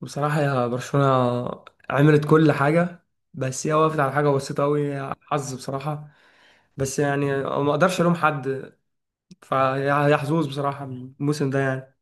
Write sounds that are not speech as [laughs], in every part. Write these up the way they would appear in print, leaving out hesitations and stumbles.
بصراحة يا برشلونة، عملت كل حاجة. بس هي وقفت على حاجة بسيطة أوي، حظ بصراحة. بس يعني ما أقدرش ألوم حد. فهي حظوظ بصراحة الموسم ده يعني.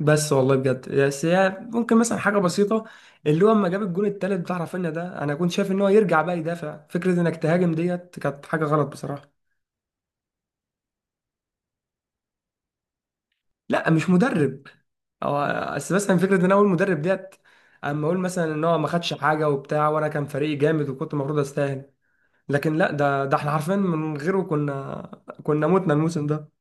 بس والله بجد، بس هي ممكن مثلا حاجة بسيطة اللي هو أما جاب الجون التالت بتاع رافينيا ده، أنا كنت شايف إن هو يرجع بقى يدافع، فكرة إنك تهاجم ديت كانت حاجة غلط بصراحة. لا مش مدرب، أو بس مثلا فكرة إن أول مدرب ديت. أما أقول مثلا إن هو ما خدش حاجة وبتاع وأنا كان فريقي جامد وكنت المفروض أستاهل، لكن لا، ده احنا عارفين من غيره كنا، كنا متنا الموسم ده.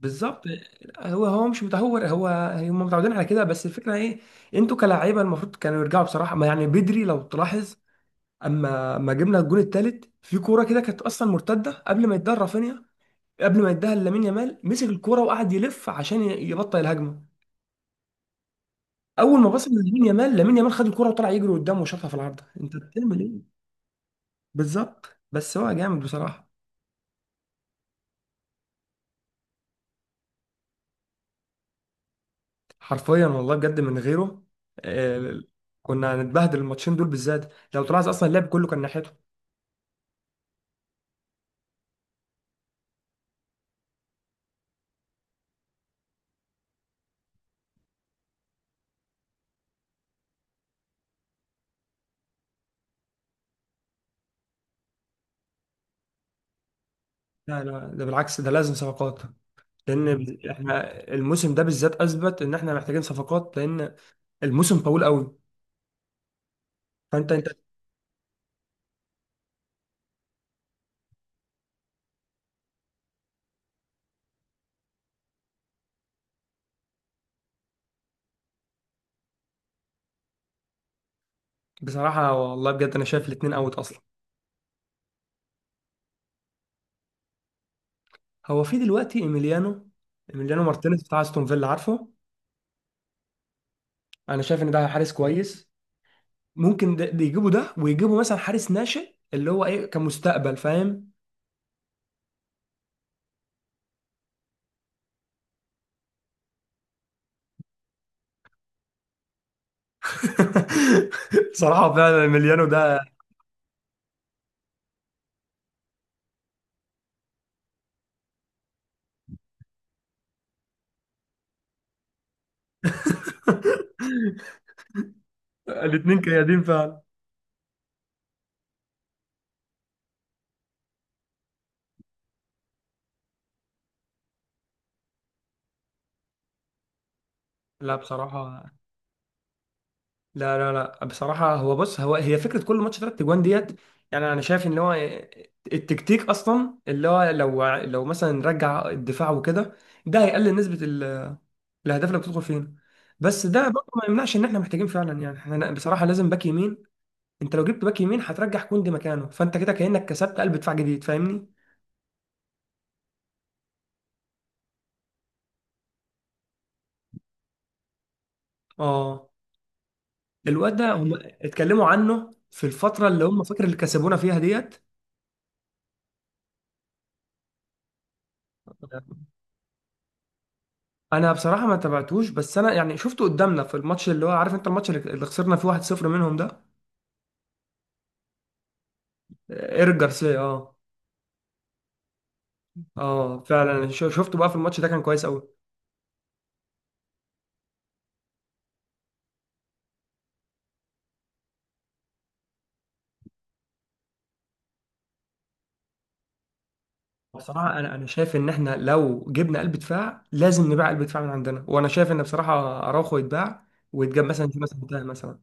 بالظبط. هو مش متهور، هو هم متعودين على كده. بس الفكره ايه، انتوا كلاعيبه المفروض كانوا يرجعوا بصراحه، ما يعني بدري لو تلاحظ. اما ما جبنا الجون الثالث في كوره كده كانت اصلا مرتده قبل ما يديها رافينيا، قبل ما يديها لامين يامال مسك الكوره وقعد يلف عشان يبطئ الهجمه. اول ما باص لامين يامال، لامين يامال خد الكوره وطلع يجري قدامه وشاطها في العارضه، انت بتعمل ايه؟ بالظبط. بس هو جامد بصراحه، حرفيا والله بجد، من غيره آه، كنا هنتبهدل الماتشين دول بالذات. لو تلاحظ اصلا اللعب كله كان ناحيته. لا لا، ده بالعكس، ده لازم صفقات. لان احنا الموسم ده بالذات اثبت ان احنا محتاجين صفقات. لان الموسم طويل قوي، فانت بصراحه والله بجد انا شايف الاثنين اوت اصلا. هو في دلوقتي ايميليانو، ايميليانو مارتينيز بتاع استون فيلا، عارفه. انا شايف ان ده حارس كويس، ممكن ده يجيبوا ده، ويجيبوا مثلا حارس ناشئ اللي هو ايه كمستقبل، فاهم. [laughs] بصراحة فعلا المليانو ده [laughs] الاتنين كيادين فعلا. لا بصراحة، لا لا لا بصراحة، هو بص هو هي فكرة كل ماتش تلات اجوان ديت. يعني انا شايف ان هو التكتيك اصلا، اللي هو لو مثلا نرجع الدفاع وكده، ده هيقلل نسبة الاهداف اللي بتدخل فينا. بس ده برضه ما يمنعش ان احنا محتاجين فعلا، يعني احنا بصراحة لازم باك يمين. انت لو جبت باك يمين هترجع كوندي مكانه، فانت كده كأنك كسبت قلب دفاع جديد، فاهمني؟ اه، الواد ده هم اتكلموا عنه في الفترة اللي هم فاكر اللي كسبونا فيها ديت. انا بصراحة ما تابعتوش، بس انا يعني شفته قدامنا في الماتش اللي هو عارف انت، الماتش اللي خسرنا فيه 1-0 منهم ده، ايريك جارسيا، اه. اه فعلا شفته بقى في الماتش ده كان كويس قوي. بصراحة انا شايف ان احنا لو جبنا قلب دفاع لازم نبيع قلب دفاع من عندنا، وانا شايف ان بصراحة اراوخو يتباع ويتجاب مثلا في مثلا بتاع مثلا.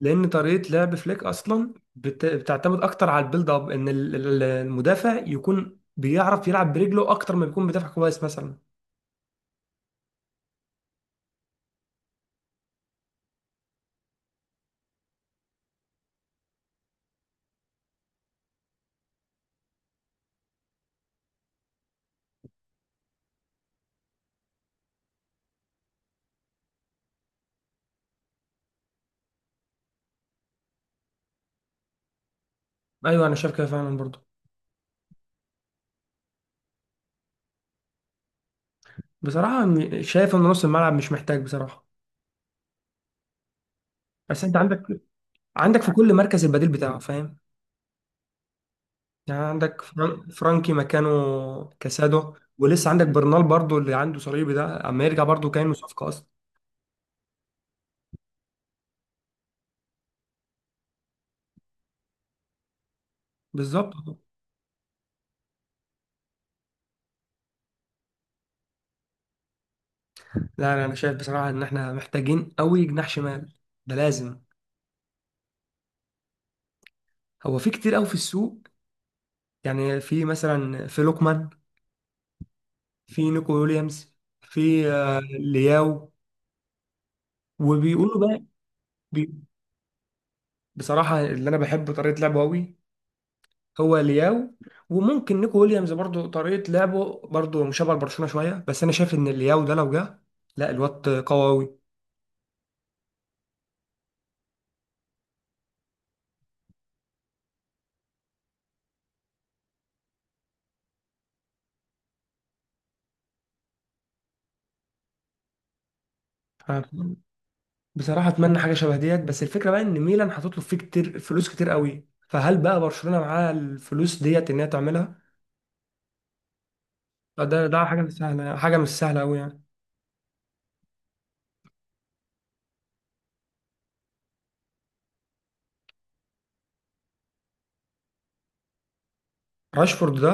لان طريقه لعب فليك اصلا بتعتمد اكتر على البيلد اب، ان المدافع يكون بيعرف يلعب برجله اكتر ما بيكون بيدافع كويس مثلا. ايوه انا شايف كده فعلا برضو. بصراحه شايف ان نص الملعب مش محتاج بصراحه. بس انت عندك في كل مركز البديل بتاعه، فاهم. يعني عندك فرانكي مكانه، كاسادو، ولسه عندك برنال برضو اللي عنده صليبي ده اما يرجع برضو كانه صفقه اصلا. بالظبط. لا لا، انا شايف بصراحه ان احنا محتاجين قوي جناح شمال، ده لازم. هو في كتير قوي في السوق، يعني في مثلا في لوكمان، في نيكو ويليامز، في لياو، وبيقولوا بقى. بي بصراحة اللي أنا بحب طريقة لعبه أوي هو لياو، وممكن نيكو ويليامز برضو طريقة لعبه برضو مشابهة لبرشلونة شوية، بس أنا شايف إن لياو ده لو جه، لا الواد قوي أوي. أنا بصراحة أتمنى حاجة شبه ديت، بس الفكرة بقى إن ميلان هتطلب فيه كتير، فلوس كتير أوي، فهل بقى برشلونة معاها الفلوس ديت إن هي تعملها؟ ده حاجة مش سهلة، حاجة مش سهلة أوي يعني. راشفورد ده،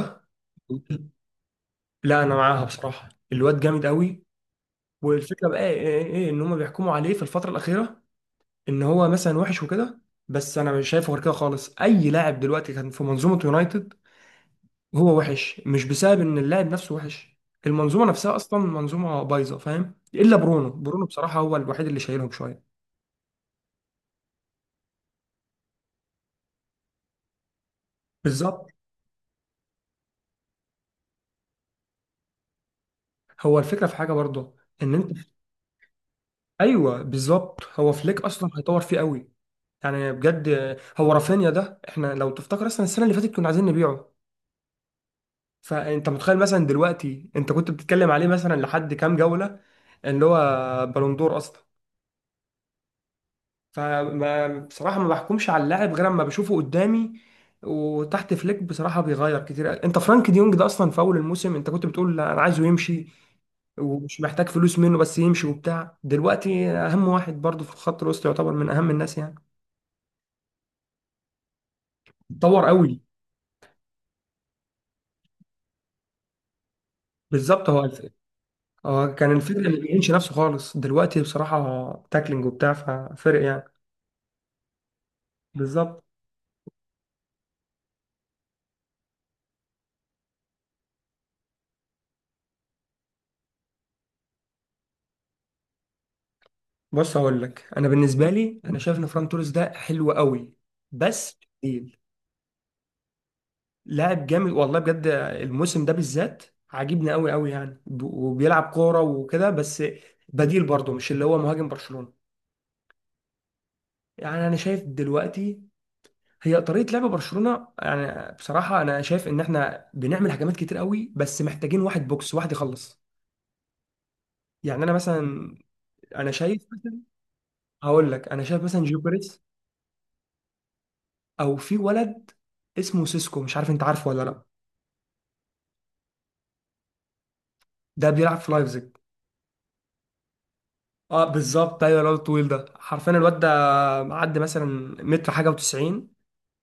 لا انا معاها بصراحه، الواد جامد قوي. والفكره بقى ايه, إيه, إيه ان هم بيحكموا عليه في الفتره الاخيره ان هو مثلا وحش وكده، بس انا مش شايفه غير كده خالص. اي لاعب دلوقتي كان في منظومه يونايتد هو وحش، مش بسبب ان اللاعب نفسه وحش، المنظومه نفسها اصلا منظومه بايظه، فاهم، الا برونو. برونو بصراحه هو الوحيد اللي شايلهم شويه. بالظبط. هو الفكره في حاجه برضه، ان انت. [laughs] ايوه بالظبط، هو فليك اصلا هيطور فيه قوي. يعني بجد، هو رافينيا ده احنا لو تفتكر اصلا السنه اللي فاتت كنا عايزين نبيعه. فانت متخيل مثلا دلوقتي انت كنت بتتكلم عليه مثلا لحد كام جولة، اللي هو بالندور اصلا. فما بصراحة ما بحكمش على اللاعب غير اما بشوفه قدامي. وتحت فليك بصراحة بيغير كتير. انت فرانك ديونج ده اصلا في اول الموسم انت كنت بتقول لا، انا عايزه يمشي ومش محتاج فلوس منه، بس يمشي وبتاع، دلوقتي اهم واحد برضه في الخط الوسط، يعتبر من اهم الناس يعني. اتطور قوي. بالظبط. هو كان الفكرة ما بيعينش نفسه خالص، دلوقتي بصراحة تاكلينج وبتاع، ففرق يعني. بالظبط. بص هقول لك، انا بالنسبه لي انا شايف ان فران توريس ده حلو قوي، بس تقيل. لاعب جامد والله بجد، الموسم ده بالذات عاجبني قوي قوي يعني، وبيلعب كوره وكده، بس بديل برضه، مش اللي هو مهاجم برشلونه. يعني انا شايف دلوقتي، هي طريقه لعب برشلونه يعني، بصراحه انا شايف ان احنا بنعمل هجمات كتير قوي، بس محتاجين واحد بوكس، واحد يخلص. يعني انا مثلا، انا شايف مثلا، هقول لك، انا شايف مثلا جيوكريس، او في ولد اسمه سيسكو، مش عارف انت عارفه ولا لا. ده بيلعب في لايبزيج. اه بالظبط، ايوه الواد الطويل ده، حرفيا الواد ده معدي مثلا متر حاجه و90،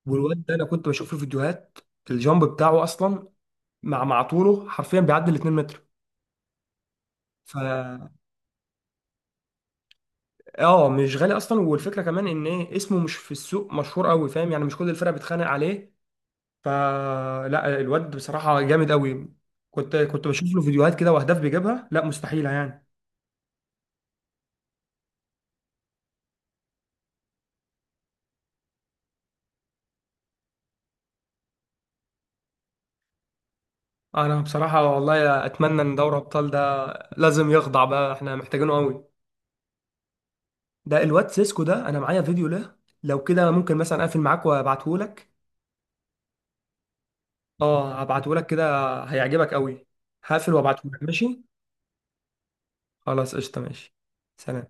والواد ده انا كنت بشوف في الفيديوهات الجامب بتاعه اصلا، مع طوله حرفيا بيعدي ال 2 متر. ف اه مش غالي اصلا، والفكره كمان ان ايه اسمه مش في السوق مشهور قوي، فاهم يعني مش كل الفرق بتخانق عليه، فلا الواد بصراحه جامد قوي. كنت بشوف له فيديوهات كده واهداف بيجيبها، لا مستحيله يعني. انا بصراحه والله اتمنى ان دوري ابطال ده لازم يخضع بقى، احنا محتاجينه قوي. ده الواد سيسكو ده انا معايا فيديو له، لو كده ممكن مثلا اقفل معاك وابعته لك. اه هبعته لك كده هيعجبك قوي، هقفل وابعته لك ماشي. خلاص قشطة ماشي. سلام.